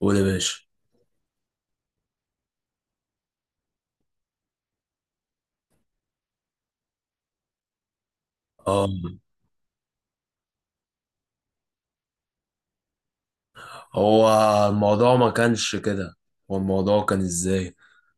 قول يا باشا. اه، هو الموضوع ما كانش كده. هو الموضوع كان ازاي؟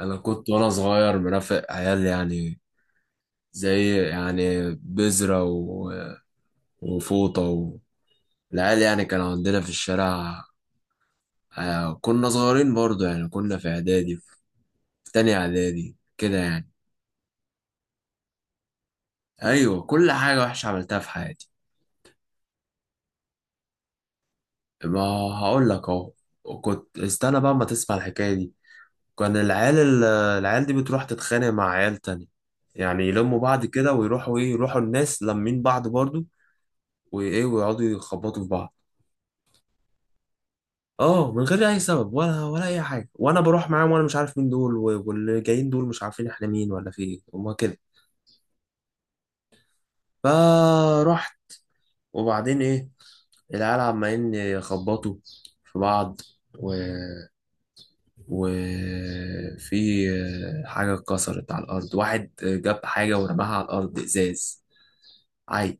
انا كنت وانا صغير مرافق عيال، يعني زي يعني بذرة وفوطة. العيال يعني كان عندنا في الشارع. كنا صغيرين برضو، يعني كنا في اعدادي، في تاني اعدادي كده يعني. ايوه، كل حاجة وحشة عملتها في حياتي. ما هقول لك اهو، وكنت استنى بقى ما تسمع الحكاية دي. كان العيال العيال دي بتروح تتخانق مع عيال تانية، يعني يلموا بعض كده ويروحوا ايه، يروحوا الناس لمين بعض برضو، وايه ويقعدوا يخبطوا في بعض. اه، من غير اي سبب، ولا اي حاجه، وانا بروح معاهم وانا مش عارف مين دول، واللي جايين دول مش عارفين احنا مين ولا في ايه، هما كده فرحت. وبعدين ايه، العيال عمالين يخبطوا في بعض و... وفي حاجه اتكسرت على الارض، واحد جاب حاجه ورماها على الارض، ازاز. عاي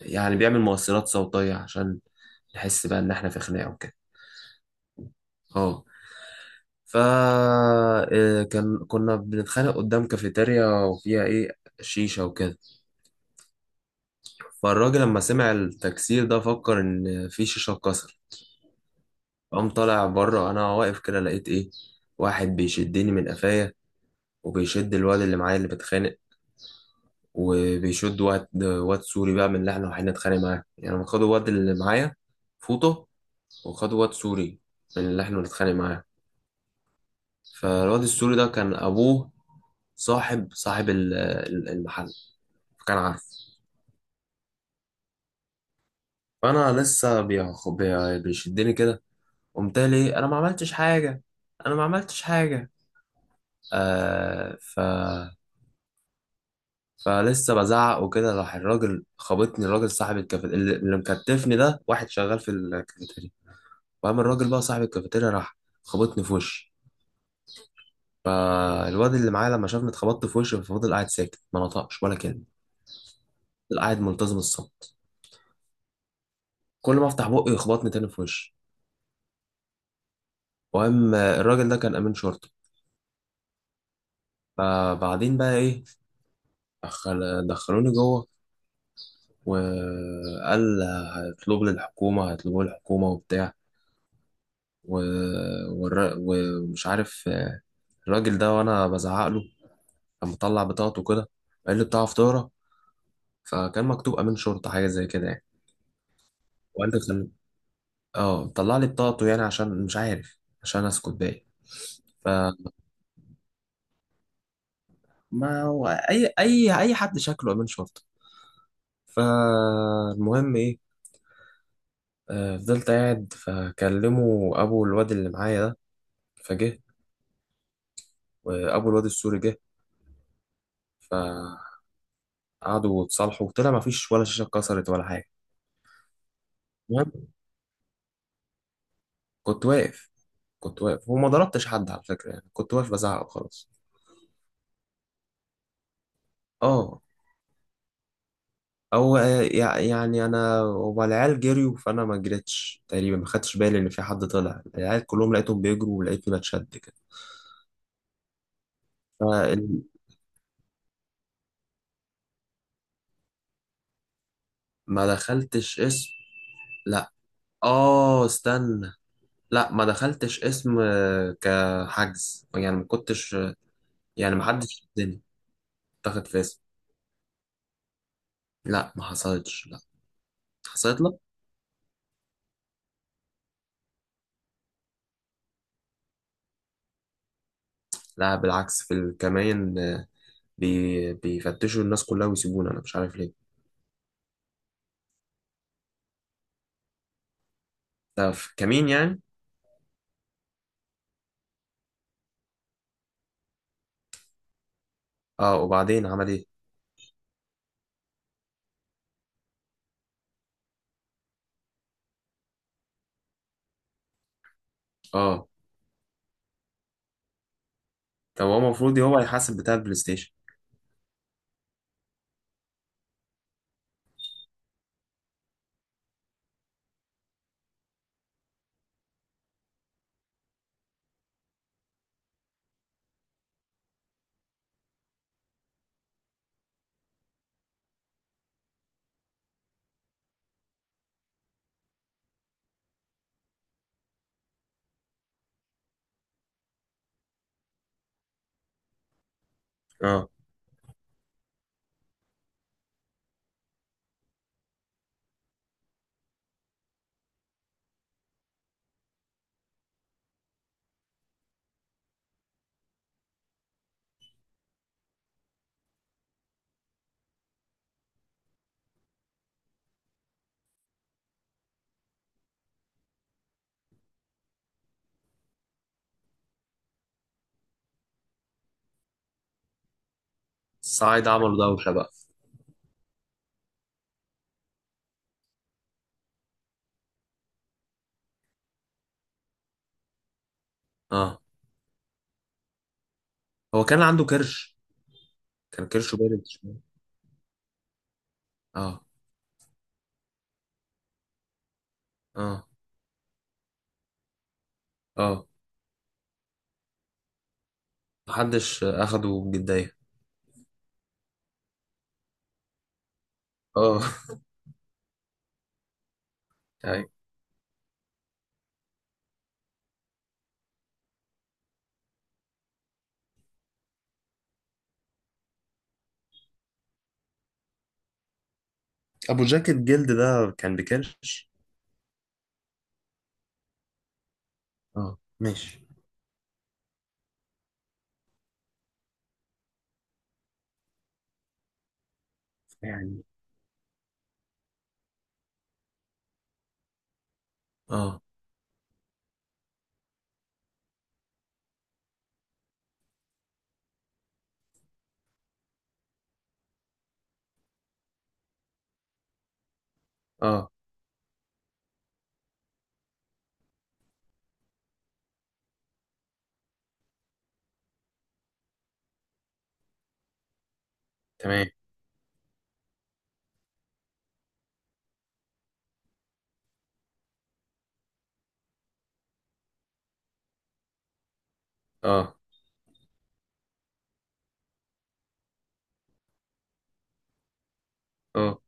يعني بيعمل مؤثرات صوتية عشان نحس بقى إن إحنا في خناقة وكده. أه فا آه، كان كنا بنتخانق قدام كافيتيريا، وفيها إيه، شيشة وكده. فالراجل لما سمع التكسير ده فكر إن في شيشة اتكسر. قام طالع بره، أنا واقف كده، لقيت إيه، واحد بيشدني من قفايا، وبيشد الواد اللي معايا اللي بتخانق، وبيشد واد سوري بقى، من اللي احنا رايحين نتخانق معاه. يعني خدوا واد اللي معايا فوطه، وخدوا واد سوري من اللي احنا بنتخانق معاه. فالواد السوري ده كان ابوه صاحب المحل، فكان عارف. فانا لسه بيشدني كده، قمت لي: انا ما عملتش حاجه، انا ما عملتش حاجه. آه ف فلسه بزعق وكده، راح الراجل خبطني، الراجل صاحب الكافيتيريا اللي مكتفني ده، واحد شغال في الكافيتيريا. فقام الراجل بقى صاحب الكافيتيريا، راح خبطني في وشي. فالواد اللي معايا لما شافني اتخبطت في وشي، ففضل قاعد ساكت، ما نطقش ولا كلمه، فضل قاعد ملتزم الصمت. كل ما افتح بقي يخبطني تاني في وشي. المهم الراجل ده كان امين شرطه. فبعدين بقى ايه، دخل دخلوني جوه، وقال: هيطلبوا لي الحكومه وبتاع و... ومش عارف. الراجل ده وانا بزعق له، كان مطلع بطاقته كده، قال لي بتاع فطاره، فكان مكتوب امين شرطه حاجه زي كده يعني. وقال لي خل- اه طلع لي بطاقته، يعني عشان مش عارف، عشان اسكت باقي. فما هو اي حد شكله امين شرطه. فالمهم ايه، فضلت قاعد، فكلموا ابو الواد اللي معايا ده، فجه، وابو الواد السوري جه، فقعدوا اتصالحوا، وطلع ما فيش ولا شاشه اتكسرت ولا حاجه. المهم كنت واقف، كنت واقف وما ضربتش حد على فكره، يعني كنت واقف بزعق وخلاص. اه، يعني انا، هما العيال جريوا، فانا ما جريتش تقريبا، ما خدتش بالي ان في حد طلع. العيال كلهم لقيتهم بيجروا، ولقيتني بتشد كده. فال- ما دخلتش اسم، لا. اه استنى، لا ما دخلتش اسم كحجز يعني، ما كنتش، يعني ما حدش شدني اتاخد في اسم. لا ما حصلتش، لا. حصلت لك؟ لا بالعكس، في الكمين آه، بي بيفتشوا الناس كلها ويسيبونا، انا مش عارف ليه. ده في كمين يعني. اه، وبعدين عمل ايه؟ اه، طب هو المفروض هو يحاسب بتاع البلاي ستيشن. اه، الصعايدة عملوا دوشة بقى. اه، هو كان عنده كرش؟ كان كرشه بارد شوية. اه. اه. اه، محدش اخده بجدية. اه. ابو جاكيت جلد ده كان بكرش؟ اه ماشي. يعني. اه. اه. تمام. اه. اه،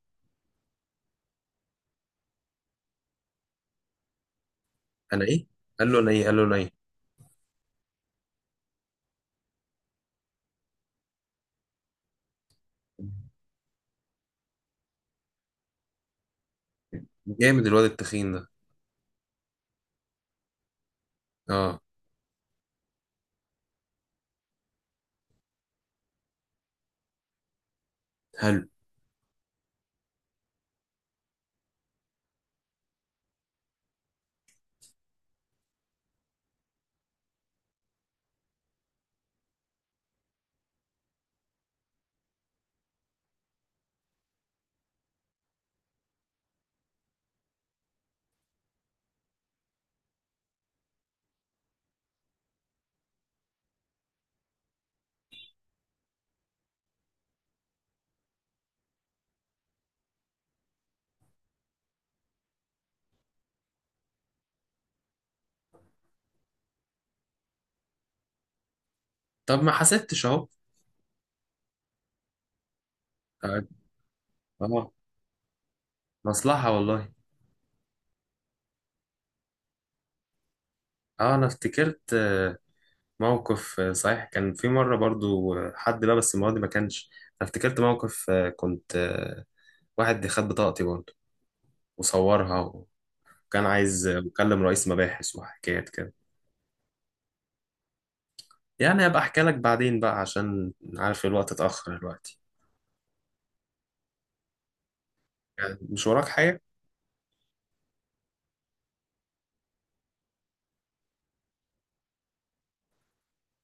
انا ايه؟ قال له انا ايه؟ قال له انا ايه؟ جامد الواد التخين ده. اه. حلو. طب ما حسبتش اهو. اه. آه. مصلحة والله. اه، انا افتكرت موقف، صحيح، كان في مرة برضو، حد لبس، المرة دي ما كانش. انا افتكرت موقف، كنت، واحد خد بطاقتي برضو وصورها، وكان عايز يكلم رئيس مباحث وحكايات كده. يعني هبقى احكي لك بعدين بقى، عشان عارف الوقت اتأخر دلوقتي، يعني مش وراك حاجة.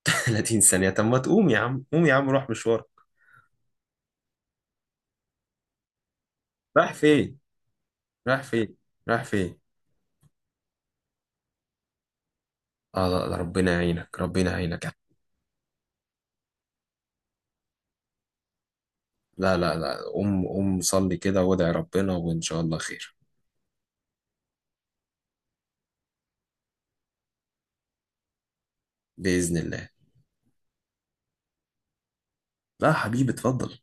30 ثانية؟ طب ما تقوم يا عم، قوم يا عم روح مشوارك. رايح فين؟ رايح فين؟ رايح فين؟ اه لا لا، ربنا يعينك، ربنا يعينك. لا لا لا، قوم قوم، صلي كده وادعي ربنا، وان شاء الله خير. بإذن الله. لا حبيبي، اتفضل.